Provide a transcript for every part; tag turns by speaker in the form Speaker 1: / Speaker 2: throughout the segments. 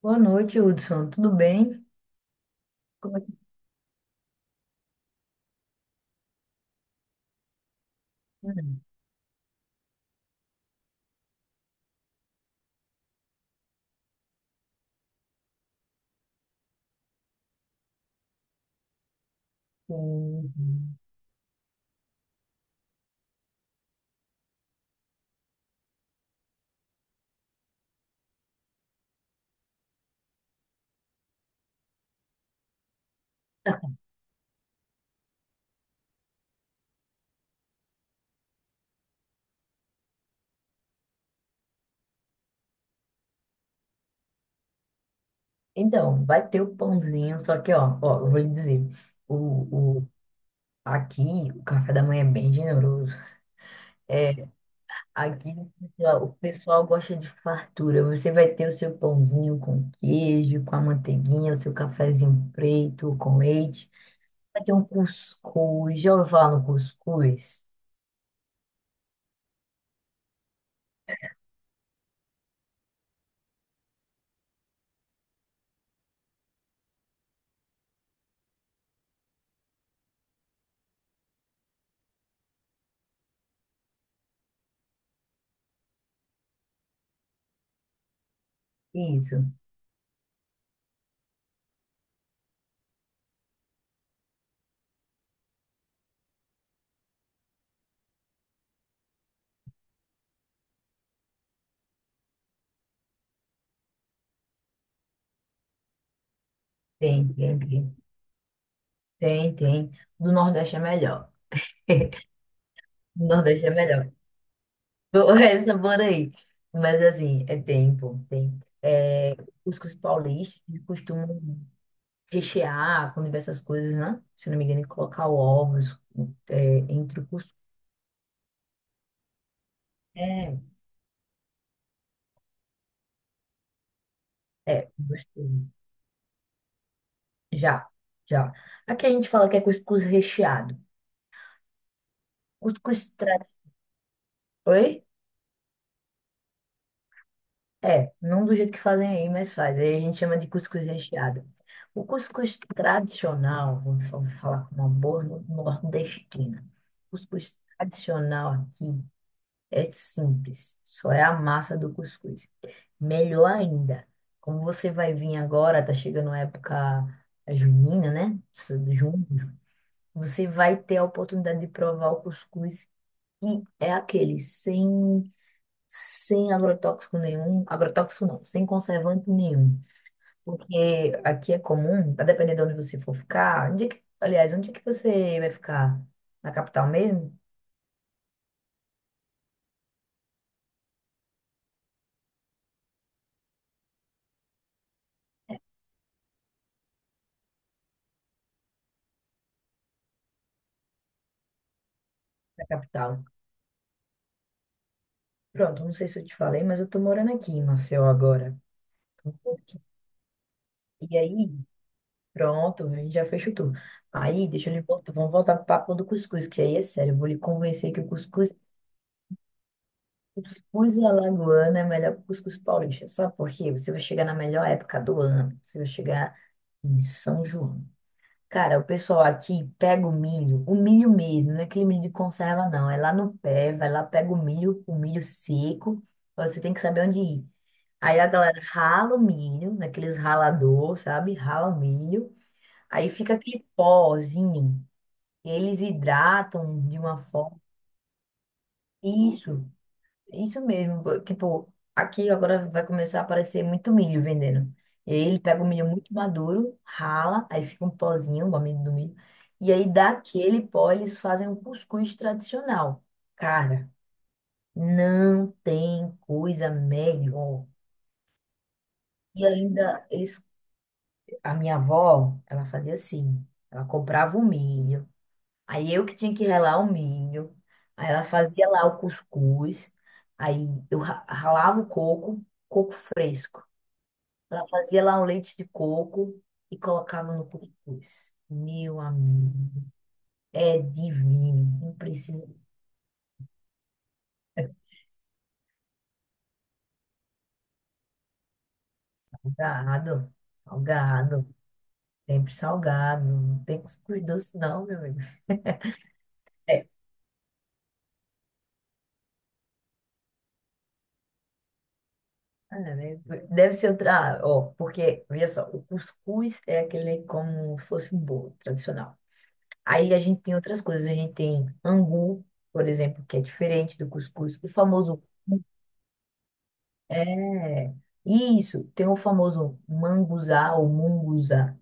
Speaker 1: Boa noite, Hudson. Tudo bem? Como é que tá? Sim. Então, vai ter o pãozinho, só que, ó, ó, eu vou lhe dizer, o, o, aqui o café da manhã é bem generoso. Aqui ó, o pessoal gosta de fartura. Você vai ter o seu pãozinho com queijo, com a manteiguinha, o seu cafezinho preto, com leite. Vai ter um cuscuz. Já ouviu falar no cuscuz? Isso. Tem, tem, tem. Tem, tem. Do Nordeste é melhor. O Nordeste é melhor. Bom, essa bora aí. Mas assim, é tempo, tem. É, os cuscuz paulistas eles costumam rechear com diversas coisas, né? Se eu não me engano, colocar ovos é, entre o cuscuz. É, é, gostoso. Já, já. Aqui a gente fala que é cuscuz recheado. Cuscuz tra... Oi? É, não do jeito que fazem aí, mas faz. Aí a gente chama de cuscuz recheado. O cuscuz tradicional, vamos falar com uma boa nordestina. O cuscuz tradicional aqui é simples, só é a massa do cuscuz. Melhor ainda, como você vai vir agora, tá chegando a época é, junina, né? Isso de junho. Você vai ter a oportunidade de provar o cuscuz e é aquele sem agrotóxico nenhum, agrotóxico não, sem conservante nenhum. Porque aqui é comum, a depender de onde você for ficar, onde é que, aliás, onde é que você vai ficar? Na capital mesmo? Na capital. Pronto, não sei se eu te falei, mas eu tô morando aqui em Maceió agora. E aí, pronto, a gente já fez o tour. Aí, deixa eu lhe voltar, vamos voltar pro papo do cuscuz, que aí é sério, eu vou lhe convencer que o cuscuz, cuscuz alagoano é melhor que o cuscuz paulista. Sabe por quê? Você vai chegar na melhor época do ano, você vai chegar em São João. Cara, o pessoal aqui pega o milho mesmo, não é aquele milho de conserva, não. É lá no pé, vai lá, pega o milho seco, você tem que saber onde ir. Aí a galera rala o milho, naqueles ralador, sabe? Rala o milho, aí fica aquele pozinho. Eles hidratam de uma forma. Isso. Isso mesmo, pô. Tipo, aqui agora vai começar a aparecer muito milho vendendo. E aí ele pega o milho muito maduro, rala, aí fica um pozinho, o amido do milho. E aí daquele pó eles fazem um cuscuz tradicional. Cara, não tem coisa melhor. E ainda eles, a minha avó, ela fazia assim, ela comprava o milho. Aí eu que tinha que ralar o milho. Aí ela fazia lá o cuscuz. Aí eu ralava o coco, coco fresco. Ela fazia lá um leite de coco e colocava no cuscuz. Meu amigo, é divino. Não precisa de salgado. Salgado. Sempre salgado. Não tem cuscuz doce, não, meu amigo. É, é, né, deve ser outra. Ah, ó, porque, veja só, o cuscuz é aquele como se fosse um bolo tradicional. Aí a gente tem outras coisas, a gente tem angu, por exemplo, que é diferente do cuscuz. O famoso é isso, tem o famoso manguzá ou munguzá,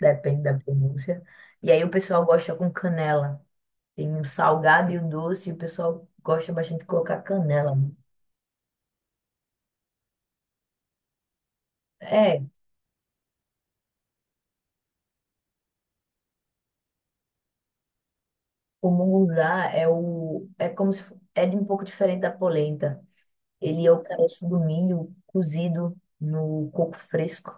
Speaker 1: depende da pronúncia. E aí o pessoal gosta com canela. Tem um salgado e o doce, e o pessoal gosta bastante de colocar canela. É, o munguzá é o é como se é de um pouco diferente da polenta. Ele é o caroço do milho cozido no coco fresco.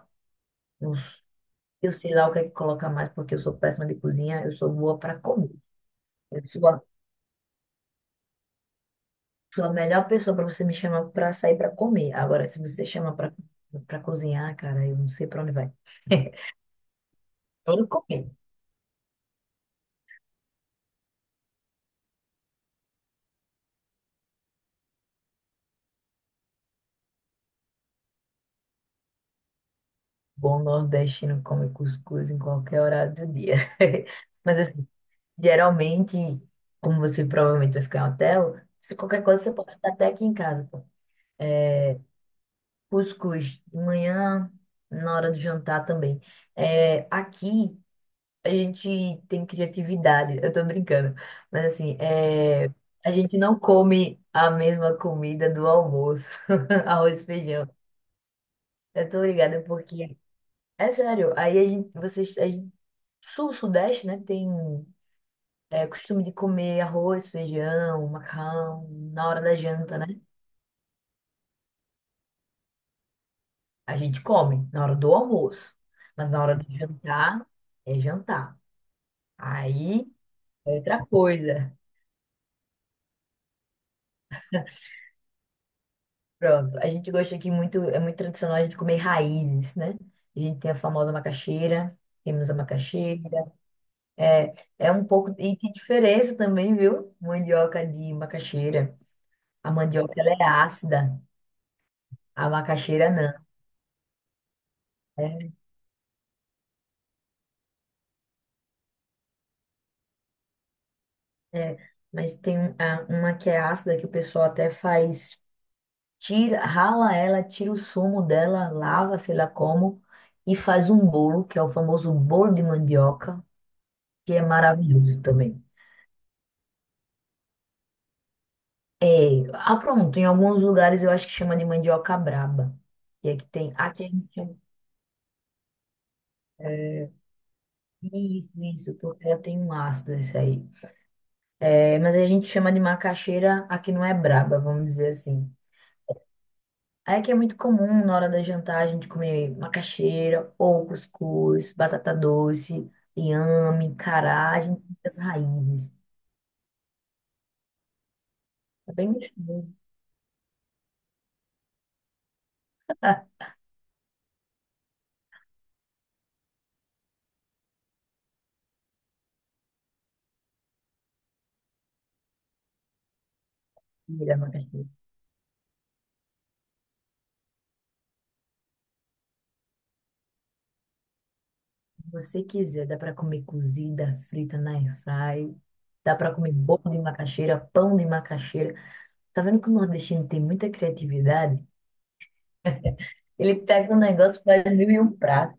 Speaker 1: Eu sei lá o que é que coloca mais, porque eu sou péssima de cozinha, eu sou boa para comer. Eu sou a, sou a melhor pessoa para você me chamar para sair para comer. Agora, se você chama para para cozinhar, cara, eu não sei para onde vai. Eu não comi. Bom nordestino come cuscuz em qualquer horário do dia. Mas assim, geralmente, como você provavelmente vai ficar em hotel, se qualquer coisa você pode ficar até aqui em casa, pô. É, cuscuz de manhã, na hora do jantar também. É, aqui a gente tem criatividade, eu tô brincando, mas assim, é, a gente não come a mesma comida do almoço, arroz e feijão. Eu tô ligada porque, é sério, aí a gente, vocês, a gente, sul, sudeste, né, tem é, costume de comer arroz, feijão, macarrão na hora da janta, né? A gente come na hora do almoço, mas na hora do jantar é jantar. Aí é outra coisa. Pronto. A gente gosta aqui muito, é muito tradicional a gente comer raízes, né? A gente tem a famosa macaxeira, temos a macaxeira. É, é um pouco. E que diferença também, viu? Mandioca de macaxeira. A mandioca ela é ácida, a macaxeira não. Né? É, mas tem uma que é ácida que o pessoal até faz, tira, rala ela, tira o sumo dela, lava, sei lá como, e faz um bolo, que é o famoso bolo de mandioca, que é maravilhoso também. É, ah, pronto, em alguns lugares eu acho que chama de mandioca braba. E aqui tem, aqui a gente chama isso, isso, porque ela tem um ácido esse aí. É, mas a gente chama de macaxeira, aqui não é braba, vamos dizer assim. Aí que é muito comum na hora da jantar a gente comer macaxeira, ou cuscuz, batata doce, inhame, cará, a gente tem as raízes. É bem gostoso. Comer a macaxeira. Você quiser, dá para comer cozida, frita na air fry, dá para comer bolo de macaxeira, pão de macaxeira. Tá vendo que o nordestino tem muita criatividade? Ele pega um negócio e faz mil e um prato.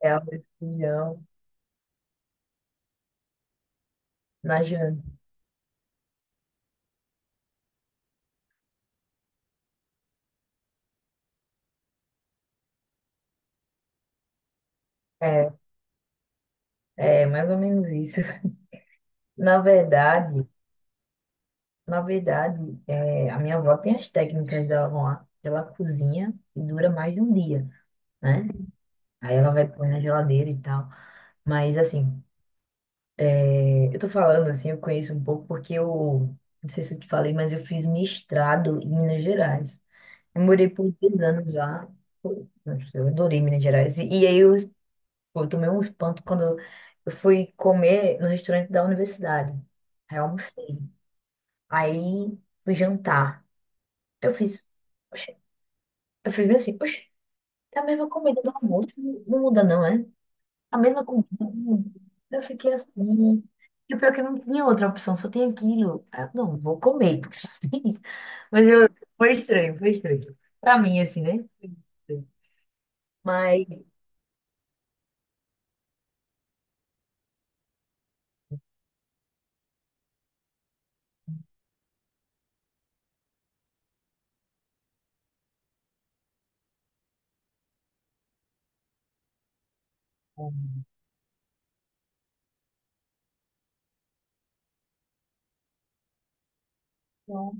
Speaker 1: É o feijão, na janta. É, é mais ou menos isso. Na verdade, na verdade, é, a minha avó tem as técnicas dela lá. Ela cozinha e dura mais de um dia, né? Aí ela vai pôr na geladeira e tal. Mas assim, eu tô falando assim, eu conheço um pouco porque eu, não sei se eu te falei, mas eu fiz mestrado em Minas Gerais. Eu morei por 2 anos lá. Pô, nossa, eu adorei Minas Gerais. E aí eu, pô, eu tomei um espanto quando eu fui comer no restaurante da universidade. Aí eu almocei. Aí fui jantar. Eu fiz, oxe, eu fiz bem assim, oxe, é a mesma comida do almoço, não não muda não, é? A mesma comida. Eu fiquei assim. E o pior é que eu não tinha outra opção, só tem aquilo. Aí eu, não, vou comer, porque só tem isso. Mas eu, foi estranho, foi estranho. Pra mim, assim, né? Mas, então,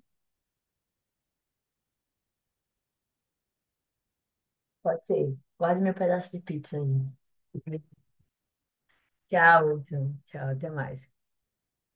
Speaker 1: pode ser. Guarde meu pedaço de pizza aí. Tchau, então. Tchau, até mais.